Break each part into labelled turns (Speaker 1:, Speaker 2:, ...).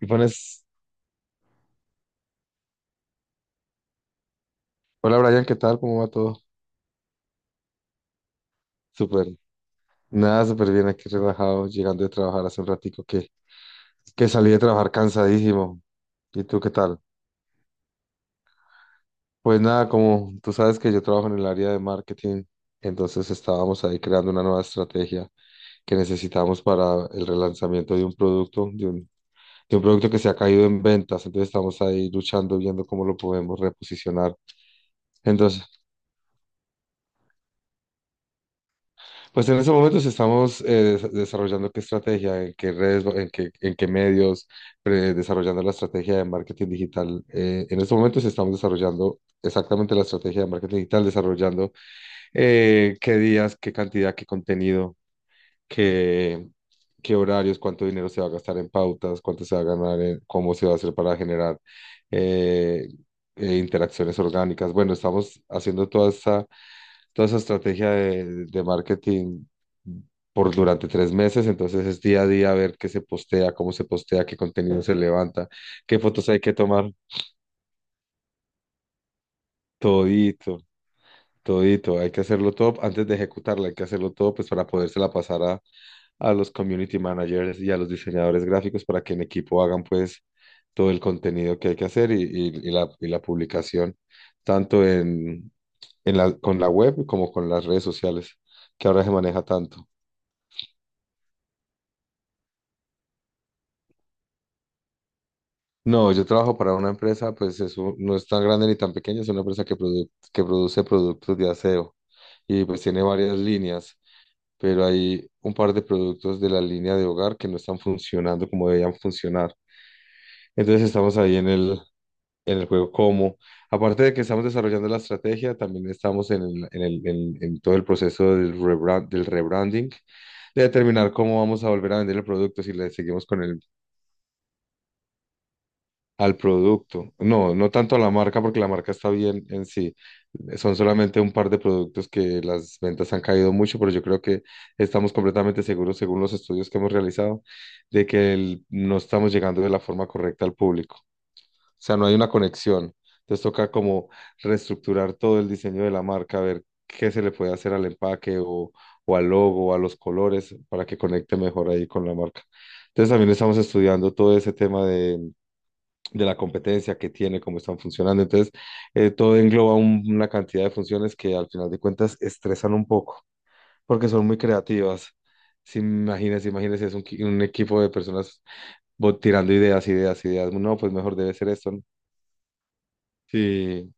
Speaker 1: Y pones, hola Brian, ¿qué tal? ¿Cómo va todo? Súper, nada, súper bien aquí relajado, llegando de trabajar hace un ratico que salí de trabajar cansadísimo. ¿Y tú qué tal? Pues nada, como tú sabes que yo trabajo en el área de marketing, entonces estábamos ahí creando una nueva estrategia que necesitamos para el relanzamiento de un producto, de un producto que se ha caído en ventas, entonces estamos ahí luchando, viendo cómo lo podemos reposicionar. Entonces, pues en estos momentos estamos desarrollando qué estrategia, en qué redes, en qué medios, desarrollando la estrategia de marketing digital. En estos momentos estamos desarrollando exactamente la estrategia de marketing digital, desarrollando qué días, qué cantidad, qué contenido, qué, qué horarios, cuánto dinero se va a gastar en pautas, cuánto se va a ganar, cómo se va a hacer para generar eh, interacciones orgánicas. Bueno, estamos haciendo toda esta toda esa estrategia de marketing por durante tres meses, entonces es día a día ver qué se postea, cómo se postea, qué contenido se levanta, qué fotos hay que tomar, todito, todito, hay que hacerlo todo antes de ejecutarla, hay que hacerlo todo pues para podérsela pasar a los community managers y a los diseñadores gráficos para que en equipo hagan pues todo el contenido que hay que hacer y la publicación, tanto en, en la, con la web como con las redes sociales, que ahora se maneja tanto. No, yo trabajo para una empresa, pues eso no es tan grande ni tan pequeña, es una empresa que produce productos de aseo y pues tiene varias líneas, pero hay un par de productos de la línea de hogar que no están funcionando como debían funcionar. Entonces estamos ahí en el juego como, aparte de que estamos desarrollando la estrategia, también estamos en todo el proceso del rebranding, de determinar cómo vamos a volver a vender el producto, si le seguimos con el al producto. No, no tanto a la marca, porque la marca está bien en sí. Son solamente un par de productos que las ventas han caído mucho, pero yo creo que estamos completamente seguros, según los estudios que hemos realizado, de no estamos llegando de la forma correcta al público. O sea, no hay una conexión. Entonces toca como reestructurar todo el diseño de la marca, ver qué se le puede hacer al empaque o al logo, a los colores, para que conecte mejor ahí con la marca. Entonces también estamos estudiando todo ese tema de la competencia que tiene, cómo están funcionando. Entonces, todo engloba una cantidad de funciones que al final de cuentas estresan un poco, porque son muy creativas. Si imagínense, imagínense, es un equipo de personas tirando ideas, ideas, ideas. No, pues mejor debe ser esto, ¿no? Sí,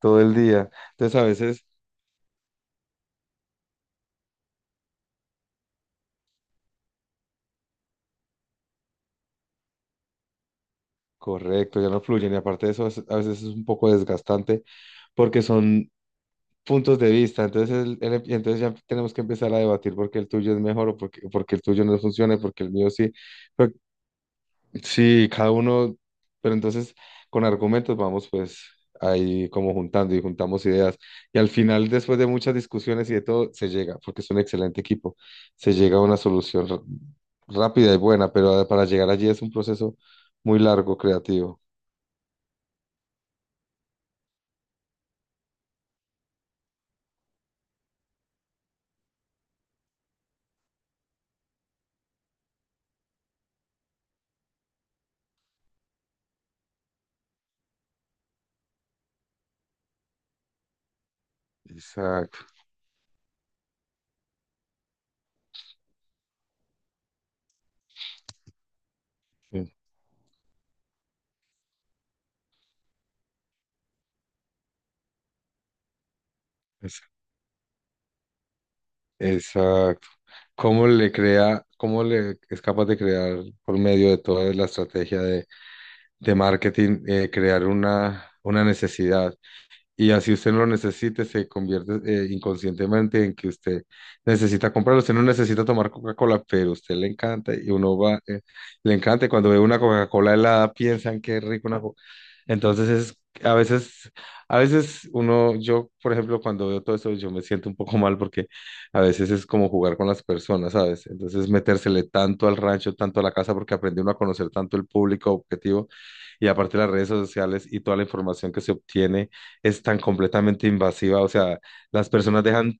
Speaker 1: todo el día. Entonces, a veces, correcto, ya no fluyen. Y aparte de eso, a veces es un poco desgastante porque son puntos de vista. Entonces, entonces ya tenemos que empezar a debatir porque el tuyo es mejor o porque, porque el tuyo no funciona, y porque el mío sí. Pero sí, cada uno, pero entonces con argumentos vamos pues ahí como juntando y juntamos ideas. Y al final, después de muchas discusiones y de todo, se llega, porque es un excelente equipo, se llega a una solución rápida y buena, pero para llegar allí es un proceso muy largo, creativo. Exacto. Sí, es- exacto, cómo le crea, cómo le es capaz de crear por medio de toda la estrategia de marketing, crear una necesidad. Y así usted no lo necesite, se convierte inconscientemente en que usted necesita comprarlo. Usted no necesita tomar Coca-Cola, pero a usted le encanta y uno va, le encanta. Y cuando ve una Coca-Cola helada, piensan qué rico una Coca. Entonces es, a veces, a veces uno, yo, por ejemplo, cuando veo todo eso, yo me siento un poco mal porque a veces es como jugar con las personas, ¿sabes? Entonces metérsele tanto al rancho, tanto a la casa, porque aprende uno a conocer tanto el público objetivo y aparte las redes sociales y toda la información que se obtiene es tan completamente invasiva, o sea, las personas dejan,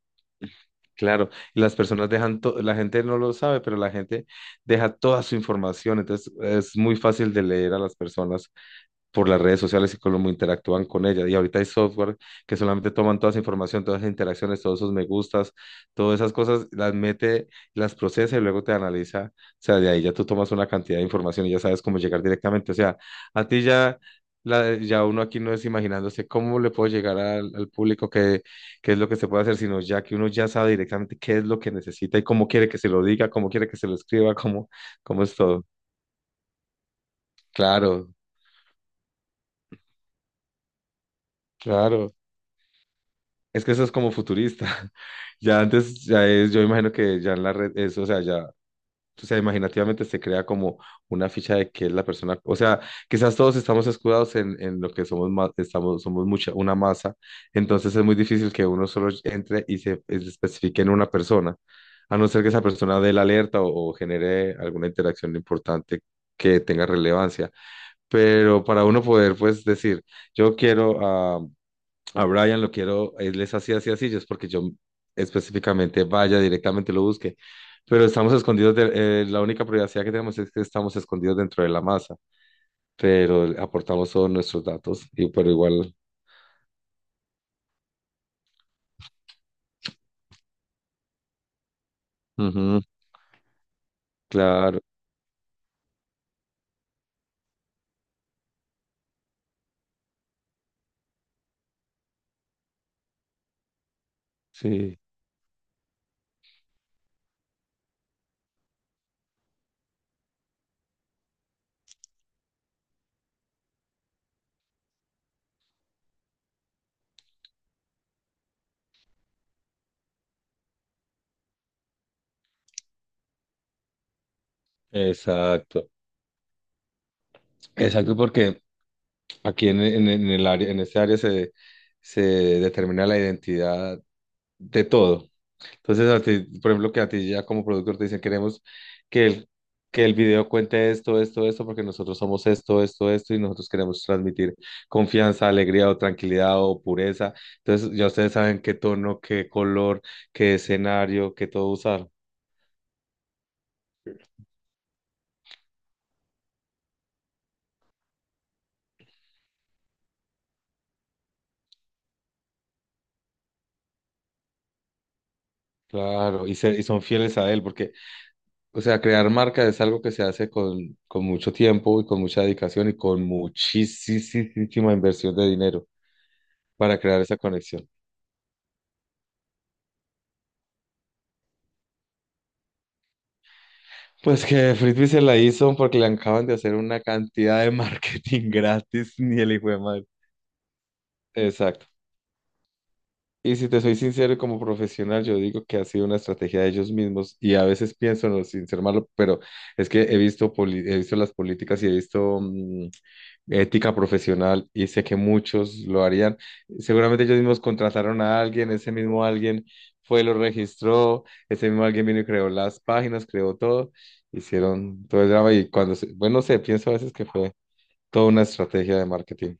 Speaker 1: claro, y las personas dejan, la gente no lo sabe, pero la gente deja toda su información, entonces es muy fácil de leer a las personas por las redes sociales y cómo interactúan con ella. Y ahorita hay software que solamente toman toda esa información, todas esas interacciones, todos esos me gustas, todas esas cosas, las mete, las procesa y luego te analiza. O sea, de ahí ya tú tomas una cantidad de información y ya sabes cómo llegar directamente. O sea, a ti ya... Ya uno aquí no es imaginándose cómo le puedo llegar al público, qué, qué es lo que se puede hacer, sino ya que uno ya sabe directamente qué es lo que necesita y cómo quiere que se lo diga, cómo quiere que se lo escriba, cómo, cómo es todo. Claro, claro. Es que eso es como futurista. Ya antes, ya es, yo imagino que ya en la red, eso, o sea, ya, o sea, imaginativamente se crea como una ficha de que es la persona, o sea, quizás todos estamos escudados en lo que somos, estamos, somos mucha, una masa, entonces es muy difícil que uno solo entre y se especifique en una persona, a no ser que esa persona dé la alerta o genere alguna interacción importante que tenga relevancia. Pero para uno poder, pues, decir, yo quiero ah, a Brian lo quiero, él es así, así, así, yo es porque yo específicamente vaya directamente lo busque. Pero estamos escondidos, de, la única privacidad que tenemos es que estamos escondidos dentro de la masa, pero aportamos todos nuestros datos, y pero igual, ujú, claro, sí, exacto, exacto, porque aquí en el área, en este área se, se determina la identidad de todo. Entonces, a ti, por ejemplo, que a ti ya como productor te dicen, queremos que el, que el video cuente esto, esto, esto, porque nosotros somos esto, esto, esto, y nosotros queremos transmitir confianza, alegría o tranquilidad o pureza. Entonces, ya ustedes saben qué tono, qué color, qué escenario, qué todo usar. Claro, y son fieles a él, porque, o sea, crear marca es algo que se hace con mucho tiempo y con mucha dedicación y con muchísima inversión de dinero para crear esa conexión. Pues que Frisbee se la hizo porque le acaban de hacer una cantidad de marketing gratis, ni el hijo de madre. Exacto. Y si te soy sincero, como profesional, yo digo que ha sido una estrategia de ellos mismos y a veces pienso, no, sin ser malo, pero es que he visto, he visto las políticas y he visto ética profesional y sé que muchos lo harían. Seguramente ellos mismos contrataron a alguien, ese mismo alguien fue, lo registró, ese mismo alguien vino y creó las páginas, creó todo, hicieron todo el drama y cuando, bueno, no sé, pienso a veces que fue toda una estrategia de marketing.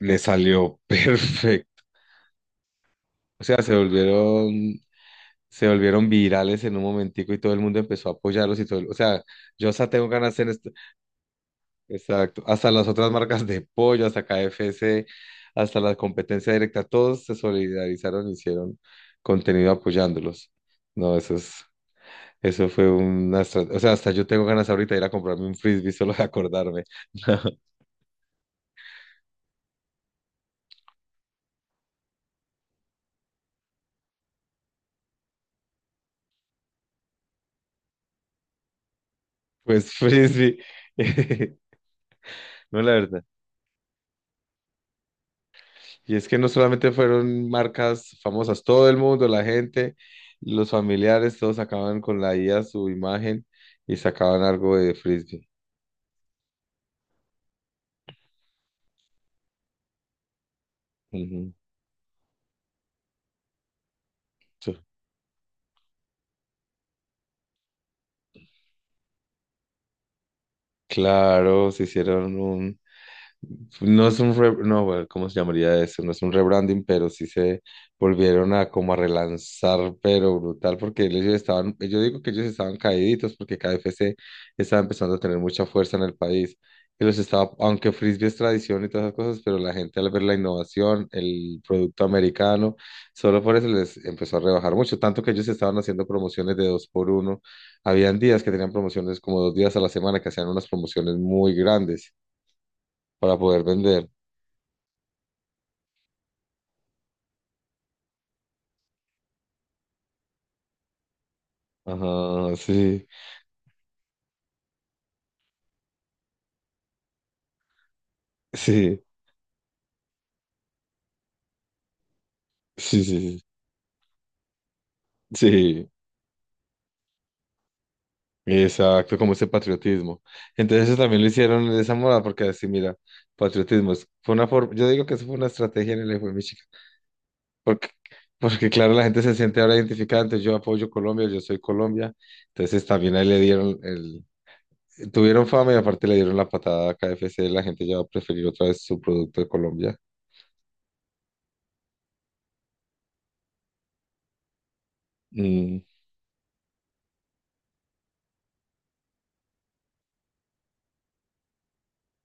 Speaker 1: Le salió perfecto. O sea, se volvieron virales en un momentico y todo el mundo empezó a apoyarlos y todo, o sea, yo hasta tengo ganas de hacer esto, exacto, hasta las otras marcas de pollo, hasta KFC, hasta la competencia directa, todos se solidarizaron y hicieron contenido apoyándolos. No, eso es, eso fue una, o sea, hasta yo tengo ganas ahorita de ir a comprarme un frisbee solo de acordarme. Pues frisbee. No, la verdad. Y es que no solamente fueron marcas famosas, todo el mundo, la gente, los familiares, todos sacaban con la IA su imagen y sacaban algo de Frisbee. Ujú. Sí. Claro, se hicieron un, no es un no, bueno, ¿cómo se llamaría eso? No es un rebranding, pero sí se volvieron a como a relanzar, pero brutal, porque ellos estaban, yo digo que ellos estaban caíditos porque KFC estaba empezando a tener mucha fuerza en el país. Y los estaba, aunque frisbee es tradición y todas esas cosas, pero la gente al ver la innovación, el producto americano, solo por eso les empezó a rebajar mucho, tanto que ellos estaban haciendo promociones de dos por uno. Habían días que tenían promociones como dos días a la semana, que hacían unas promociones muy grandes para poder vender. Ajá, sí, sí, sí, sí, sí, exacto, como ese patriotismo. Entonces eso también lo hicieron de esa moda, porque así, mira, patriotismo, fue una forma, yo digo que eso fue una estrategia en el hijo de mi chica, porque, porque claro, la gente se siente ahora identificada, entonces yo apoyo Colombia, yo soy Colombia, entonces también ahí le dieron el, tuvieron fama y aparte le dieron la patada a KFC, la gente ya va a preferir otra vez su producto de Colombia. Mm,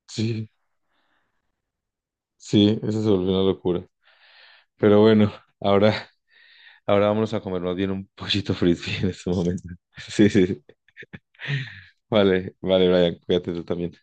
Speaker 1: sí, sí, eso se volvió una locura, pero bueno, ahora... Ahora vámonos a comer más bien un pollito frisbee en este momento. Sí, sí, sí. Vale, vale, Brian, cuídate tú también.